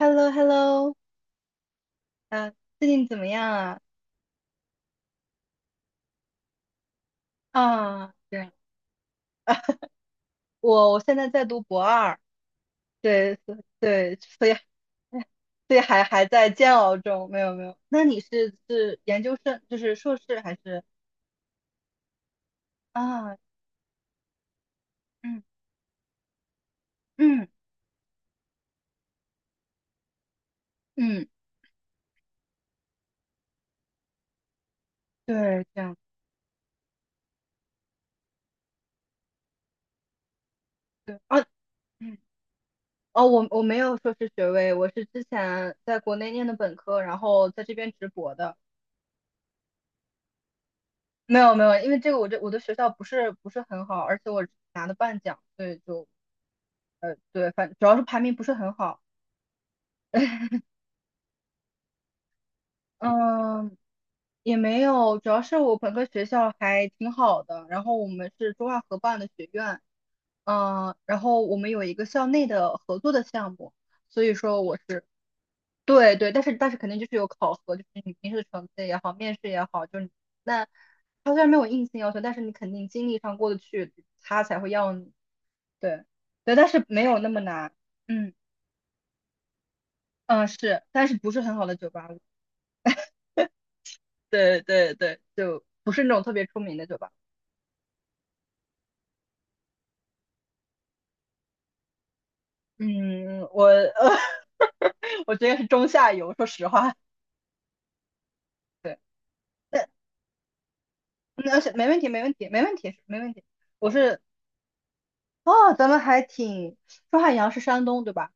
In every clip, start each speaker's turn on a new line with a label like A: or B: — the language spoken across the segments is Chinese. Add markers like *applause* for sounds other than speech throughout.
A: h e l l o h e l l o 啊，最近怎么样啊？啊，对，我现在在读博二，对，所以 *laughs* 所以还在煎熬中，没有没有。那你是研究生，就是硕士还是啊？嗯嗯嗯，对，这样对啊，嗯哦，我没有硕士学位，我是之前在国内念的本科，然后在这边直博的。没有没有，因为我的学校不是很好，而且我拿的半奖，所以就对，主要是排名不是很好，嗯，也没有，主要是我本科学校还挺好的，然后我们是中外合办的学院，嗯，然后我们有一个校内的合作的项目，所以说我是对对，但是肯定就是有考核，就是你平时的成绩也好，面试也好，就是你那他虽然没有硬性要求，但是你肯定经历上过得去，他才会要你，对对，但是没有那么难，嗯嗯是，但是不是很好的九八五，对对对，就不是那种特别出名的酒吧。嗯，*laughs* 我觉得是中下游，说实话。对，那那是没问题，没问题，没问题，没问题。我是哦，咱们还挺，周汉阳是山东，对吧？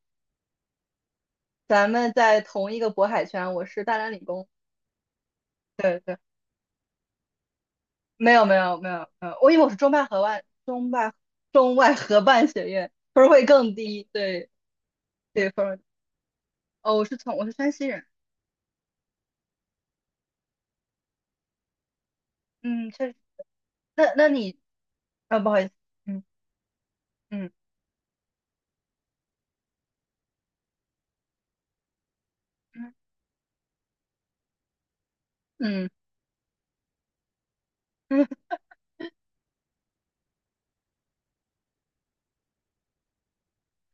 A: 咱们在同一个渤海圈，我是大连理工。对对，没有没有没有，嗯，我以为我是中外合办学院，分儿会更低。对对，分儿哦，我是山西人。嗯，确实。那那你啊，不好意思，嗯嗯。嗯，*laughs* 就是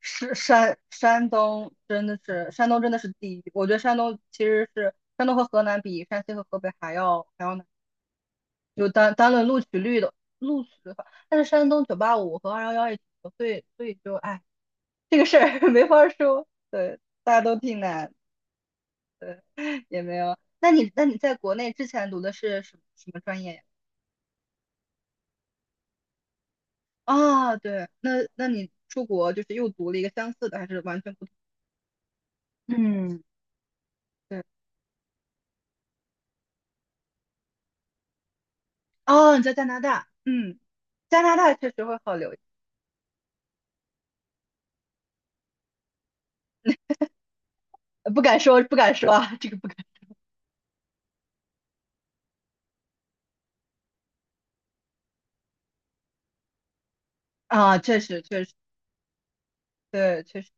A: 山东真的是第一。我觉得山东其实是山东和河南比山西和河北还要难，就单单论录取的话，但是山东九八五和二幺幺也挺多，所以就哎这个事儿 *laughs* 没法儿说，对，大家都挺难，也没有。那你在国内之前读的是什么什么专业呀？啊，对，那你出国就是又读了一个相似的，还是完全不同？嗯，对。哦，你在加拿大，嗯，加拿大确实会好留，不敢说，不敢说啊，这个不敢啊，确实，确实，对，确实，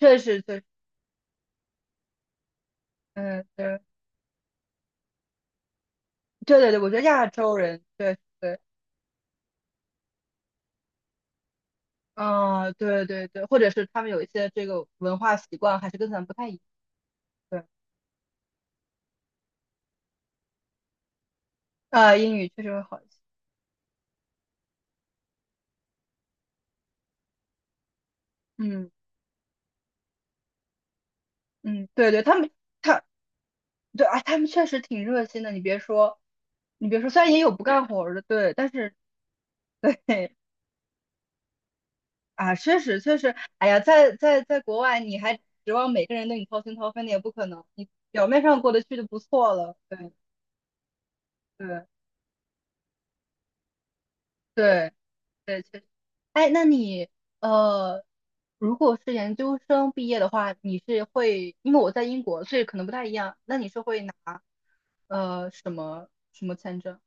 A: 确实，确实，嗯，对，对对对，我觉得亚洲人，对对，嗯，对对对，或者是他们有一些这个文化习惯还是跟咱们不太一样，对，啊，英语确实会好一些，嗯嗯，对对，他们他对啊，他们确实挺热心的，你别说，你别说，虽然也有不干活儿的，对，但是对啊，确实确实，哎呀，在国外，你还指望每个人对你掏心掏肺，那也不可能。你表面上过得去就不错了。对对对对，确实。哎，那你呃，如果是研究生毕业的话，你是会，因为我在英国，所以可能不太一样。那你是会拿什么什么签证？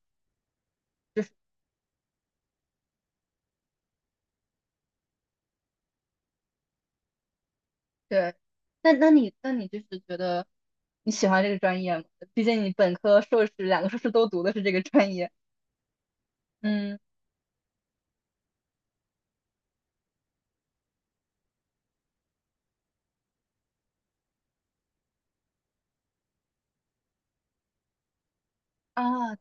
A: 就是对，那你就是觉得你喜欢这个专业吗？毕竟你本科、硕士两个硕士都读的是这个专业。嗯。啊，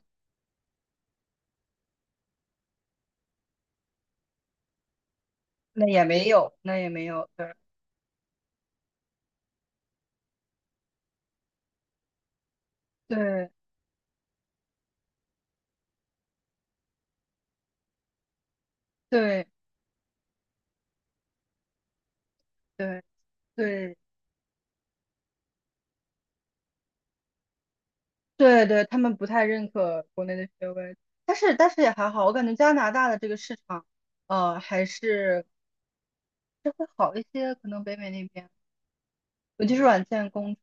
A: 那也没有，那也没有，对对对对对对对，他们不太认可国内的学位，但是也还好，我感觉加拿大的这个市场，还是这会好一些，可能北美那边，尤其是软件工，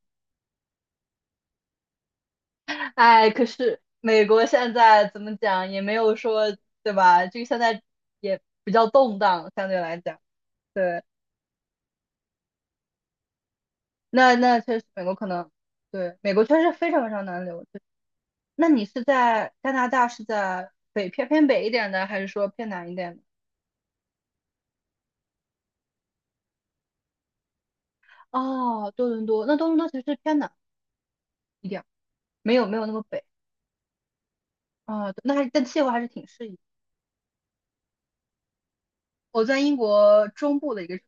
A: 哎，可是美国现在怎么讲也没有说，对吧？这个现在也比较动荡，相对来讲，对，那确实美国可能，对，美国确实非常非常难留，那你是在加拿大，是在北偏北一点的，还是说偏南一点的？哦，多伦多，那多伦多其实是偏南一点，没有没有那么北啊、但气候还是挺适宜。我在英国中部的一个，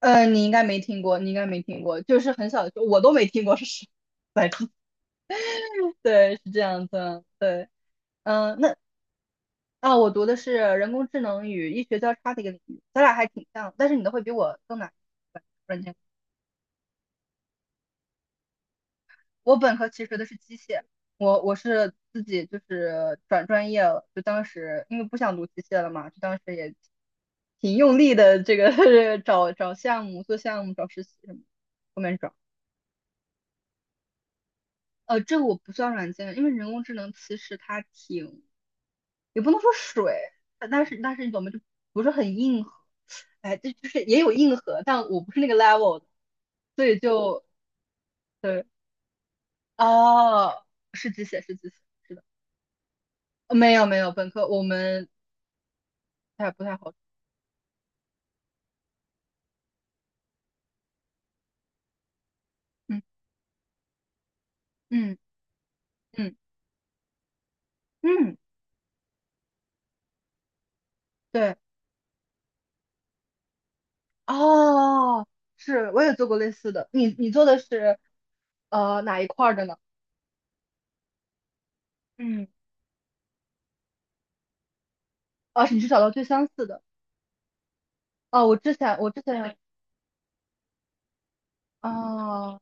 A: 你应该没听过，你应该没听过，就是很小的时候我都没听过是什么来着 *laughs* 对，是这样子，对，嗯、那啊、我读的是人工智能与医学交叉的一个领域，咱俩还挺像，但是你的会比我更难，软件。我本科其实学的是机械，我是自己就是转专业了，就当时因为不想读机械了嘛，就当时也挺用力的，这个 *laughs* 找项目、做项目、找实习什么的，后面找。这个我不算软件，因为人工智能其实它挺，也不能说水，但是但是你懂吗？就不是很硬核，哎，这就是也有硬核，但我不是那个 level 的，所以就对，哦，是机械，是机械。是的。没有没有，本科我们太不太好。嗯嗯嗯嗯，对，哦，是，我也做过类似的。你做的是哪一块儿的呢？嗯，啊，你是找到最相似的。哦，我之前有，哦，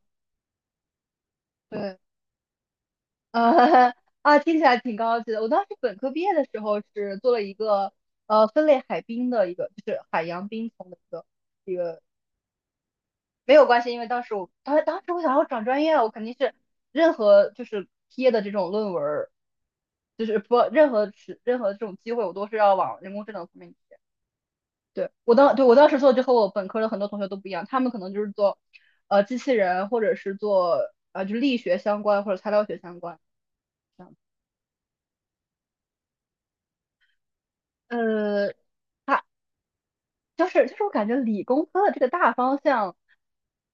A: 对，呃 *laughs* 啊，听起来挺高级的。我当时本科毕业的时候是做了一个分类海冰的一个，就是海洋冰层的一个。没有关系，因为当时我想要转专业，我肯定是任何就是贴的这种论文儿，就是不任何是任何这种机会，我都是要往人工智能方面去对，对我当时做就和我本科的很多同学都不一样，他们可能就是做机器人或者是做力学相关或者材料学相关这样子。呃，它就是我感觉理工科的这个大方向，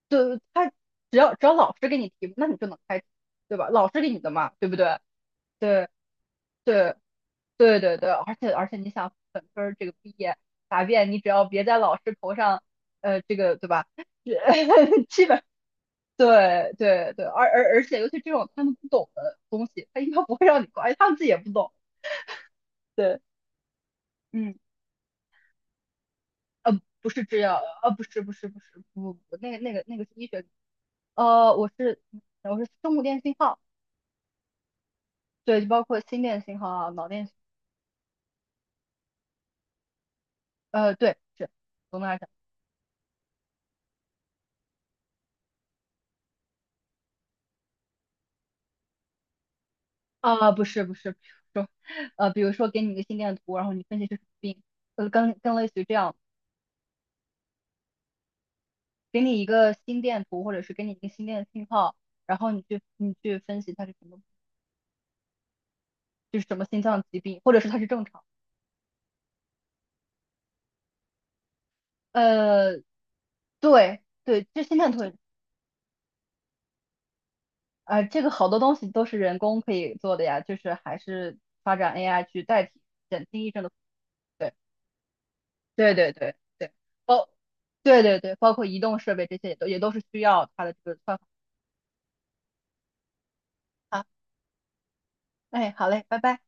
A: 对，它只要老师给你提，那你就能开，对吧？老师给你的嘛，对不对？对对对对对，而且你想本科儿这个毕业答辩，你只要别在老师头上，这个对吧？*laughs* 基本对对对，而且尤其这种他们不懂的东西，他应该不会让你过，而且他们自己也不懂。对，嗯，不是制药，不是不是不是不不，不，那个是医学，呃，我是我是生物电信号，对，就包括心电信号啊，脑电，对，是。总的来讲。啊，不是不是，比如说，给你一个心电图，然后你分析是什么病，更类似于这样，给你一个心电图，或者是给你一个心电信号，然后你去分析它是什么，就是什么心脏疾病，或者是它是正常。呃，对对，这心电图，这个好多东西都是人工可以做的呀，就是还是发展 AI 去代替减轻医生的负担对对对对对，包，对对对，包括移动设备这些也都是需要它的这个算法。哎，好嘞，拜拜。